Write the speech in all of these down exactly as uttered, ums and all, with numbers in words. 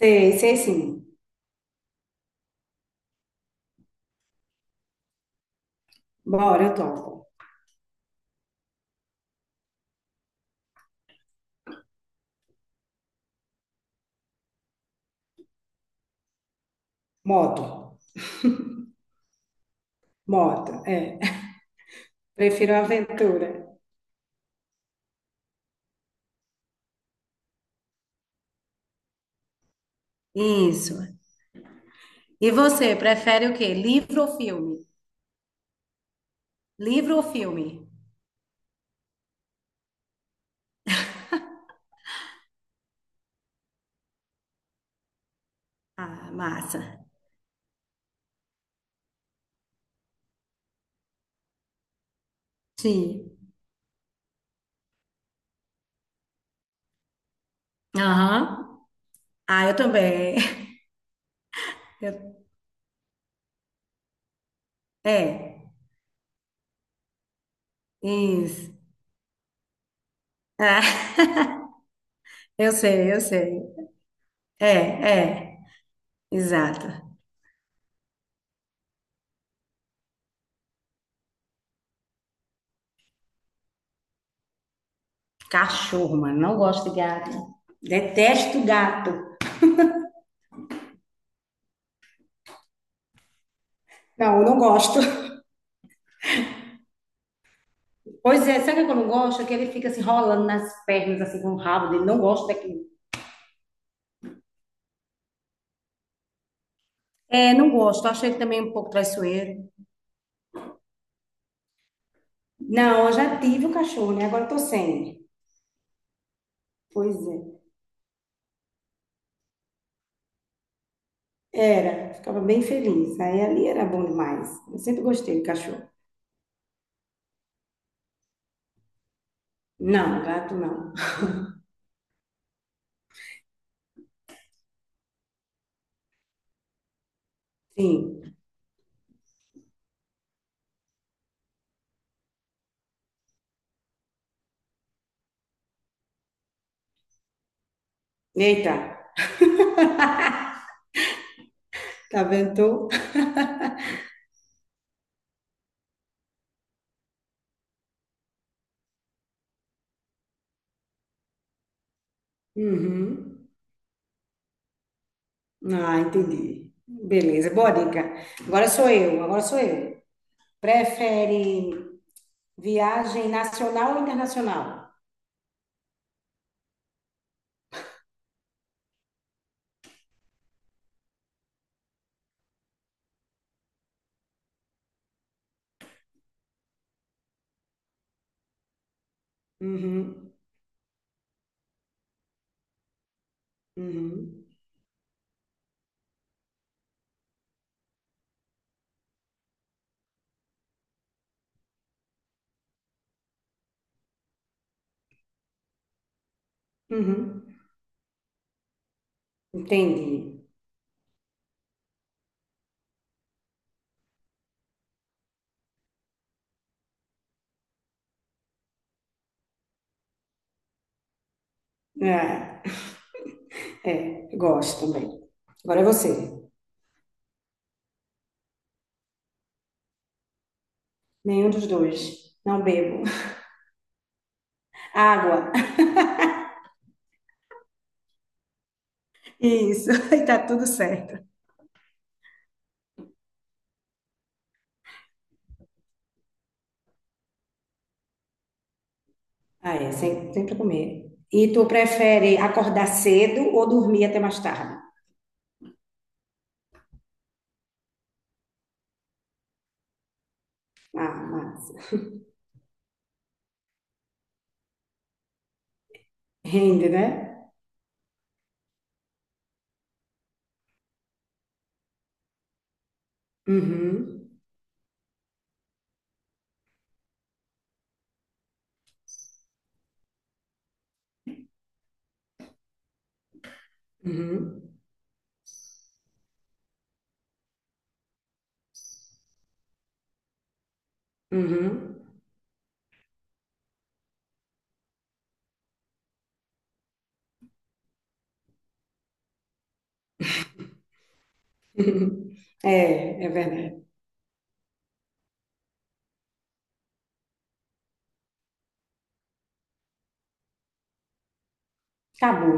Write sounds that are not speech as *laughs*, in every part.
Sei, sei sim. Bora, eu topo. Moto, moto, é. *laughs* Prefiro aventura. Isso. E você, prefere o quê? Livro ou filme? Livro ou filme? Ah, massa. Sim. Aham. Ah, eu também. *laughs* Eu- É, isso. Ah, *laughs* eu sei, eu sei. É, é, exato. Cachorro, mano. Não gosto de gato. Detesto gato. Não, eu não gosto. *laughs* Pois é, sabe o que eu não gosto? É que ele fica assim rolando nas pernas, assim com o rabo dele. Não gosto daquilo. É, não gosto. Acho ele também um pouco traiçoeiro. Não, eu já tive o cachorro, né? Agora eu tô sem. Pois é. Era, ficava bem feliz. Aí ali era bom demais. Eu sempre gostei de cachorro. Não, gato não. Sim. Eita, tá vendo? Tu? Uhum. Ah, entendi. Beleza, boa dica. Agora sou eu, agora sou eu. Prefere viagem nacional ou internacional? Uhum, uhum, uhum. Entendi. É, é, gosto também. Agora é você. Nenhum dos dois. Não bebo. *laughs* Água. Isso, *laughs* e tá tudo certo. Ah, é, sempre, sempre comer. E tu prefere acordar cedo ou dormir até mais tarde? Ah, massa. Rende, né? Uhum, uhum, uhum. *laughs* É, é verdade. Acabou.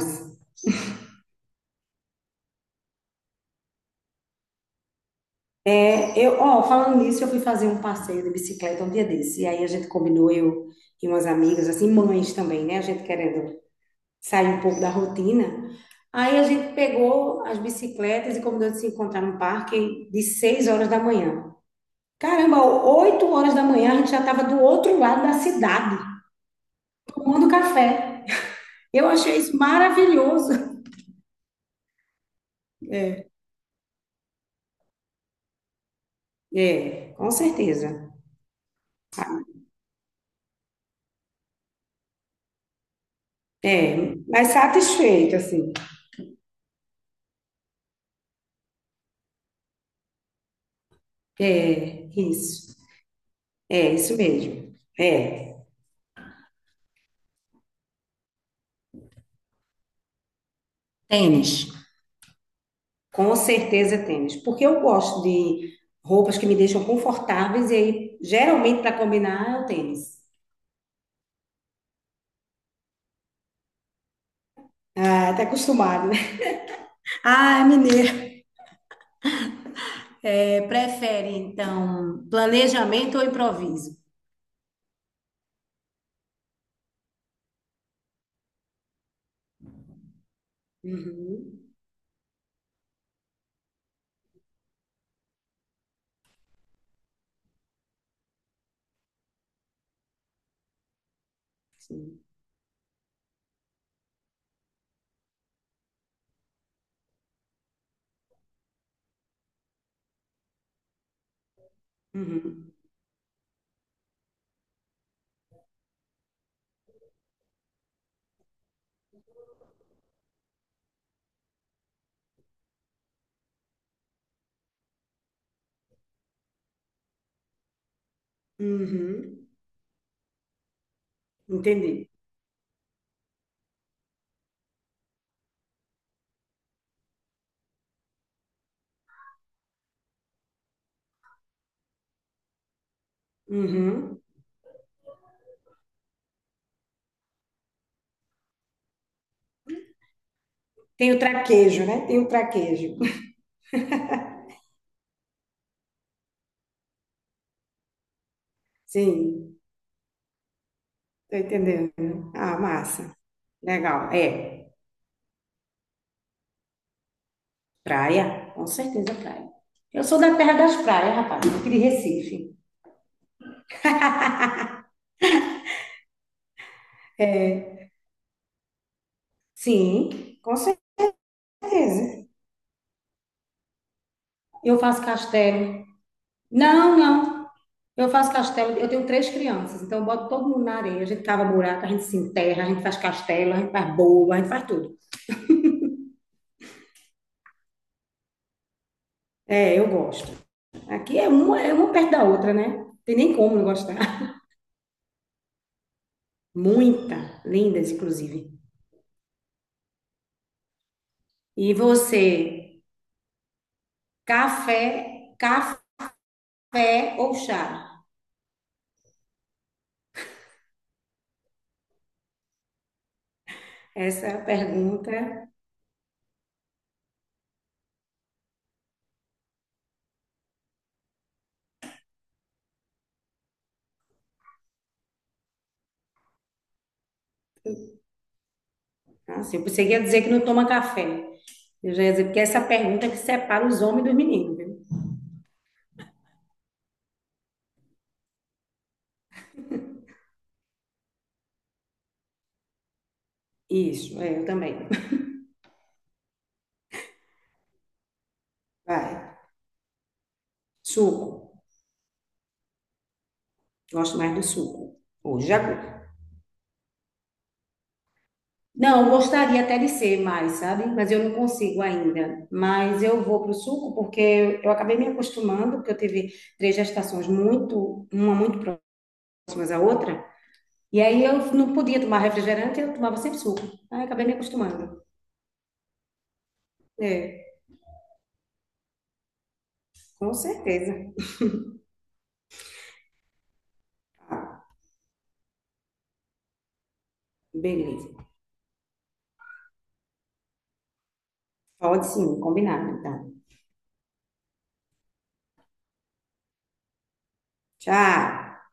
Eu, ó, falando nisso, eu fui fazer um passeio de bicicleta um dia desse. E aí a gente combinou, eu e umas amigas, assim, mães também, né? A gente querendo sair um pouco da rotina. Aí a gente pegou as bicicletas e combinou de se encontrar no parque de seis horas da manhã. Caramba, oito horas da manhã a gente já estava do outro lado da cidade, tomando café. Eu achei isso maravilhoso. É, com certeza. É, mas satisfeito, assim. É, isso. É, isso mesmo. É. Tênis. Com certeza tênis, porque eu gosto de roupas que me deixam confortáveis e aí, geralmente para combinar é o tênis. Ah, tá acostumado, né? *laughs* Ah, mineiro. É, prefere, então, planejamento ou improviso? Uhum, sim. Uhum, uhum. Entendi. Uhum. Tem o traquejo, né? Tem o traquejo. *laughs* Sim, tô entendendo. Ah, massa. Legal. É. Praia, com certeza praia. Eu sou da terra das praias, rapaz, aqui de Recife. É. Sim, com certeza. Eu faço castelo. Não, não. Eu faço castelo. Eu tenho três crianças, então eu boto todo mundo na areia. A gente cava buraco, a gente se enterra, a gente faz castelo, a gente faz boa, a gente faz tudo. É, eu gosto. Aqui é uma, é uma perto da outra, né? Tem nem como não gostar. Muita, lindas, inclusive. E você, café, café ou chá? Essa é a pergunta. Ah, sim. Você ia dizer que não toma café. Eu já ia dizer, porque é essa pergunta é que separa os homens dos meninos, viu? Isso, é, eu também. Vai. Suco. Gosto mais do suco. Hoje já. Não, gostaria até de ser mais, sabe? Mas eu não consigo ainda. Mas eu vou pro suco porque eu acabei me acostumando, porque eu tive três gestações muito, uma muito próximas à outra. E aí eu não podia tomar refrigerante, eu tomava sempre suco. Aí acabei me acostumando. É, com certeza. Ah, beleza. Pode sim, combinado, então. Tchau.